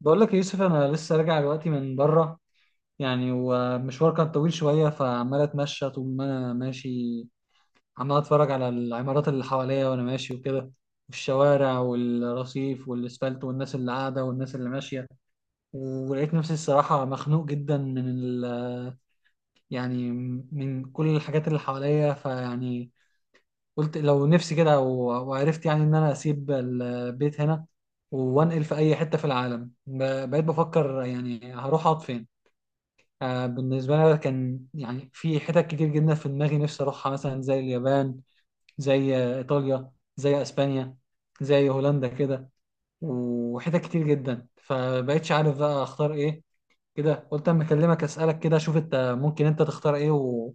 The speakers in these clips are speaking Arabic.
بقول لك يا يوسف، انا لسه راجع دلوقتي من بره. ومشوار كان طويل شويه، فعمال اتمشى طول ما انا ماشي، عمال اتفرج على العمارات اللي حواليا وانا ماشي وكده، والشوارع والرصيف والاسفلت والناس اللي قاعده والناس اللي ماشيه. ولقيت نفسي الصراحه مخنوق جدا من ال يعني من كل الحاجات اللي حواليا. قلت لو نفسي كده، و- وعرفت يعني ان انا اسيب البيت هنا وانقل في اي حته في العالم. بقيت بفكر يعني هروح اقعد فين. بالنسبة لي كان يعني في حتت كتير جدا في دماغي نفسي أروحها، مثلا زي اليابان، زي إيطاليا، زي أسبانيا، زي هولندا كده، وحتت كتير جدا، فبقيتش عارف بقى أختار إيه. كده قلت أما أكلمك أسألك كده أشوف أنت ممكن أنت تختار إيه،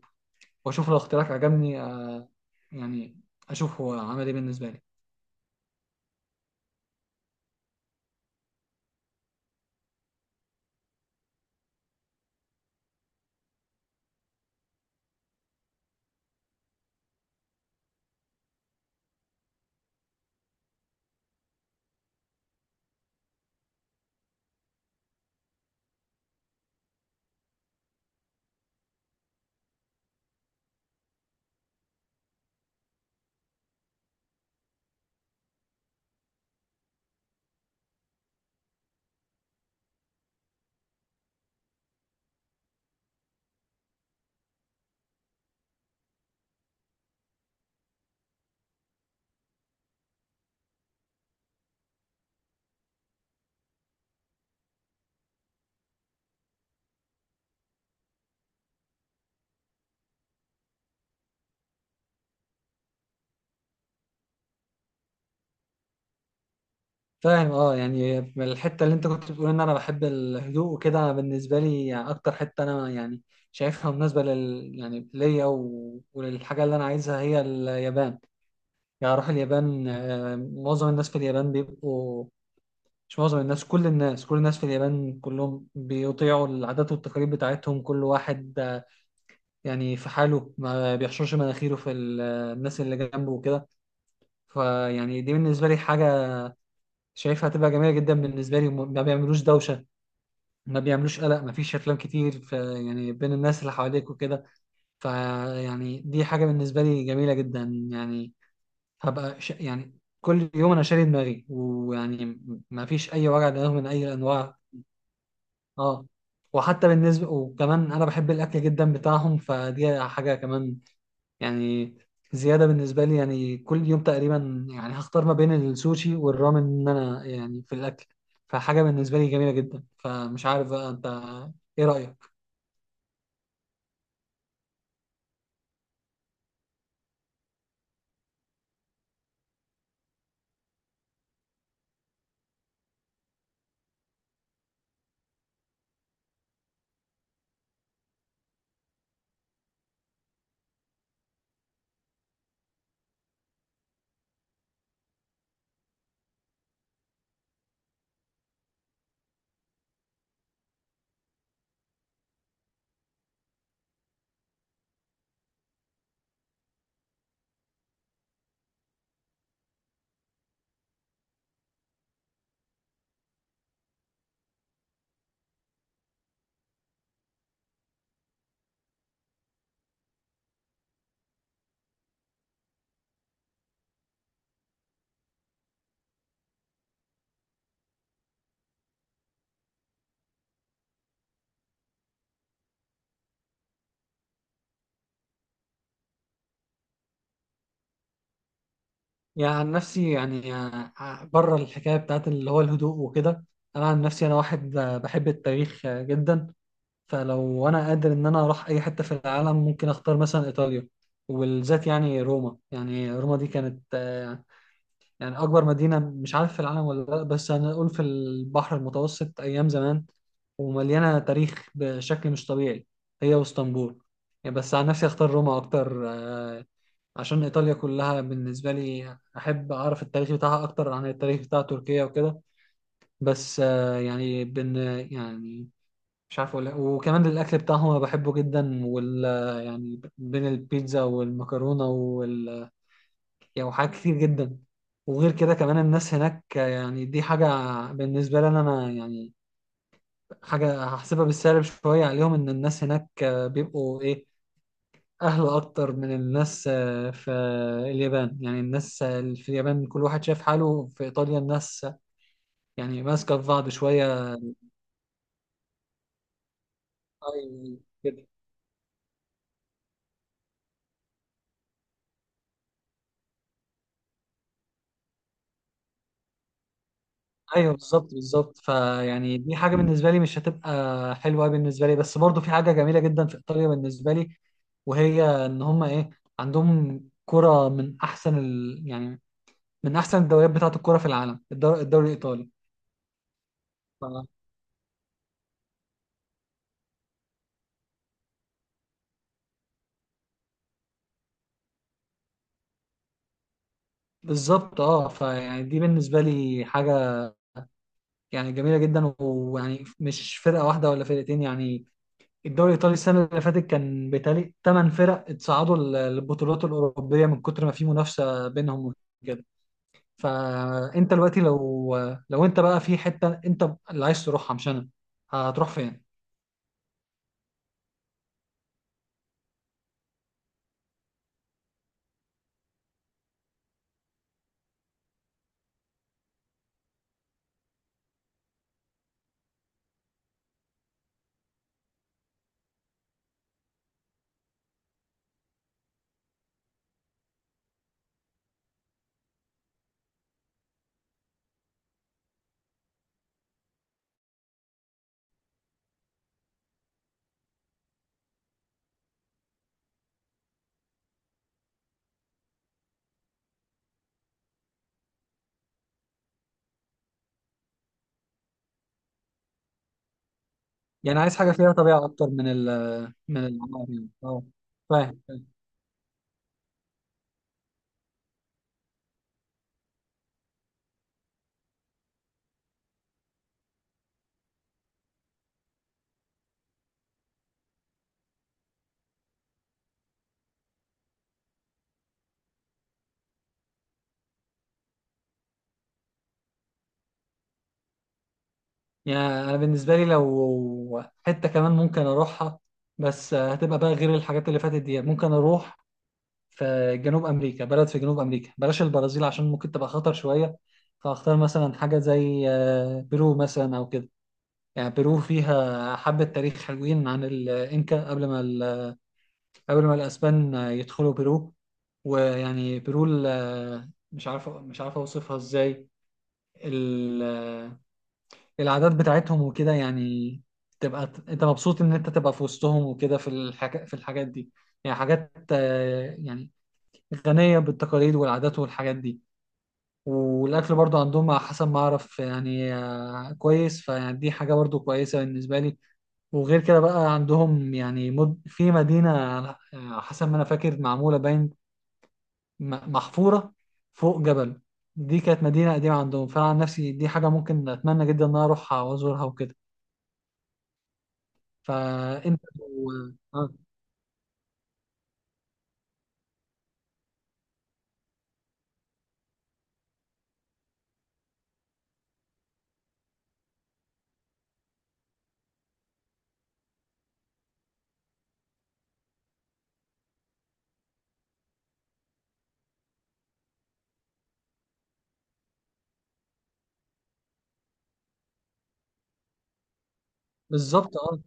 وأشوف لو اختيارك عجبني يعني أشوف هو عمل إيه بالنسبة لي. فاهم، اه، يعني الحته اللي انت كنت بتقول ان انا بحب الهدوء وكده، انا بالنسبه لي يعني اكتر حته انا يعني شايفها مناسبه لل يعني ليا وللحاجه اللي انا عايزها هي اليابان. يعني اروح اليابان. معظم الناس في اليابان بيبقوا، مش معظم الناس، كل الناس، كل الناس في اليابان كلهم بيطيعوا العادات والتقاليد بتاعتهم. كل واحد في حاله، ما بيحشرش مناخيره في الناس اللي جنبه وكده. فيعني دي بالنسبه لي حاجه شايفها هتبقى جميله جدا بالنسبه لي. ما بيعملوش دوشه، ما بيعملوش قلق، ما فيش افلام كتير ف يعني بين الناس اللي حواليك وكده. فيعني دي حاجه بالنسبه لي جميله جدا. يعني هبقى ش... يعني كل يوم انا شاري دماغي، ويعني ما فيش اي وجع دماغ من اي الانواع. اه. وحتى بالنسبه وكمان انا بحب الاكل جدا بتاعهم، فدي حاجه كمان يعني زياده بالنسبه لي. يعني كل يوم تقريبا يعني هختار ما بين السوشي والرامن، ان انا يعني في الاكل. فحاجه بالنسبه لي جميله جدا. فمش عارف بقى انت ايه رايك. يعني عن نفسي يعني، بره الحكاية بتاعت اللي هو الهدوء وكده، أنا عن نفسي أنا واحد بحب التاريخ جدا. فلو أنا قادر إن أنا أروح أي حتة في العالم ممكن أختار مثلا إيطاليا، وبالذات يعني روما. روما دي كانت أكبر مدينة، مش عارف في العالم ولا لأ، بس أنا أقول في البحر المتوسط أيام زمان، ومليانة تاريخ بشكل مش طبيعي، هي واسطنبول. يعني بس عن نفسي أختار روما أكتر، عشان إيطاليا كلها بالنسبة لي أحب أعرف التاريخ بتاعها أكتر عن التاريخ بتاع تركيا وكده. بس آه، يعني بن يعني مش عارف أقول إيه. وكمان الأكل بتاعهم أنا بحبه جدا، وال يعني بين البيتزا والمكرونة وال يعني وحاجات كتير جدا. وغير كده كمان الناس هناك، يعني دي حاجة بالنسبة لي أنا يعني حاجة هحسبها بالسالب شوية عليهم، إن الناس هناك بيبقوا إيه، أهلا أكتر من الناس في اليابان. يعني الناس في اليابان كل واحد شايف حاله، في إيطاليا الناس ماسكة في بعض شوية. أي- كده. أيوه، بالظبط. فيعني دي حاجة بالنسبة لي مش هتبقى حلوة بالنسبة لي. بس برضو في حاجة جميلة جدا في إيطاليا بالنسبة لي، وهي إن هما إيه، عندهم كرة من أحسن ال... يعني من أحسن الدوريات بتاعة الكرة في العالم، الدوري الإيطالي. ف... بالظبط، اه، فيعني دي بالنسبة لي حاجة يعني جميله جدا. ويعني مش فرقه واحده ولا فرقتين يعني، الدوري الايطالي السنه اللي فاتت كان بيتهيألي ثمان فرق اتصعدوا للبطولات الاوروبيه من كتر ما في منافسه بينهم وكده. فانت دلوقتي لو، لو انت بقى في حته انت اللي عايز تروحها مش انا، هتروح فين؟ يعني عايز حاجه فيها طبيعه اكتر من ال من العمار يعني، اه. فاهم فاهم. يعني انا بالنسبه لي لو حته كمان ممكن اروحها، بس هتبقى بقى غير الحاجات اللي فاتت دي، ممكن اروح في جنوب امريكا. بلد في جنوب امريكا، بلاش البرازيل عشان ممكن تبقى خطر شويه، فاختار مثلا حاجه زي بيرو مثلا او كده. يعني بيرو فيها حبه تاريخ حلوين عن الانكا قبل ما الاسبان يدخلوا بيرو. ويعني بيرو مش عارف، مش عارف اوصفها ازاي. ال- آه، العادات بتاعتهم وكده يعني، تبقى انت مبسوط ان انت تبقى في وسطهم وكده، في الحاجات في الحاجات دي. يعني حاجات غنية بالتقاليد والعادات والحاجات دي. والاكل برضو عندهم على حسب ما اعرف يعني، كويس، فيعني دي حاجه برضو كويسه بالنسبه لي. وغير كده بقى عندهم يعني، في مدينه، على حسب ما انا فاكر معموله باين، محفوره فوق جبل، دي كانت مدينه قديمه عندهم. فانا عن نفسي دي حاجه ممكن اتمنى جدا ان انا اروحها وازورها وكده. فانت لو- آه، آه، بالظبط، اه.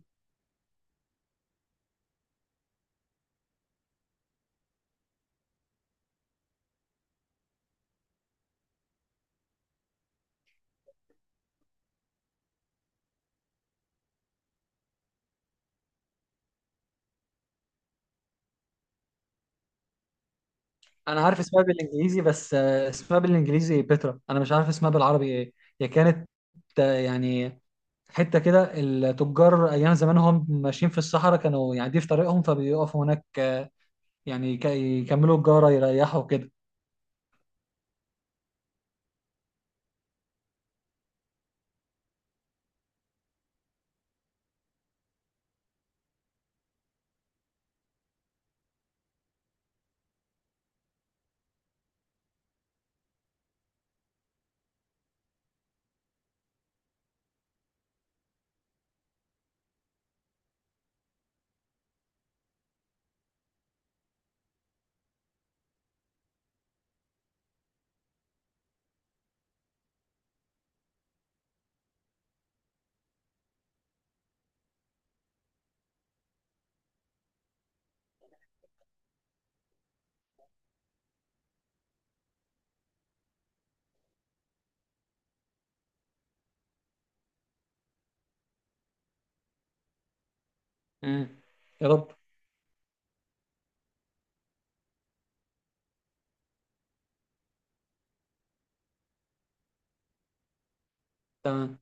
انا عارف اسمها بالانجليزي، بس اسمها بالانجليزي بترا، انا مش عارف اسمها بالعربي ايه. هي كانت آه، يعني حته كده، التجار ايام زمان هم ماشيين في الصحراء كانوا يعني دي في طريقهم، فبيقفوا هناك يكملوا الجاره يريحوا كده. امم يا رب. تمام.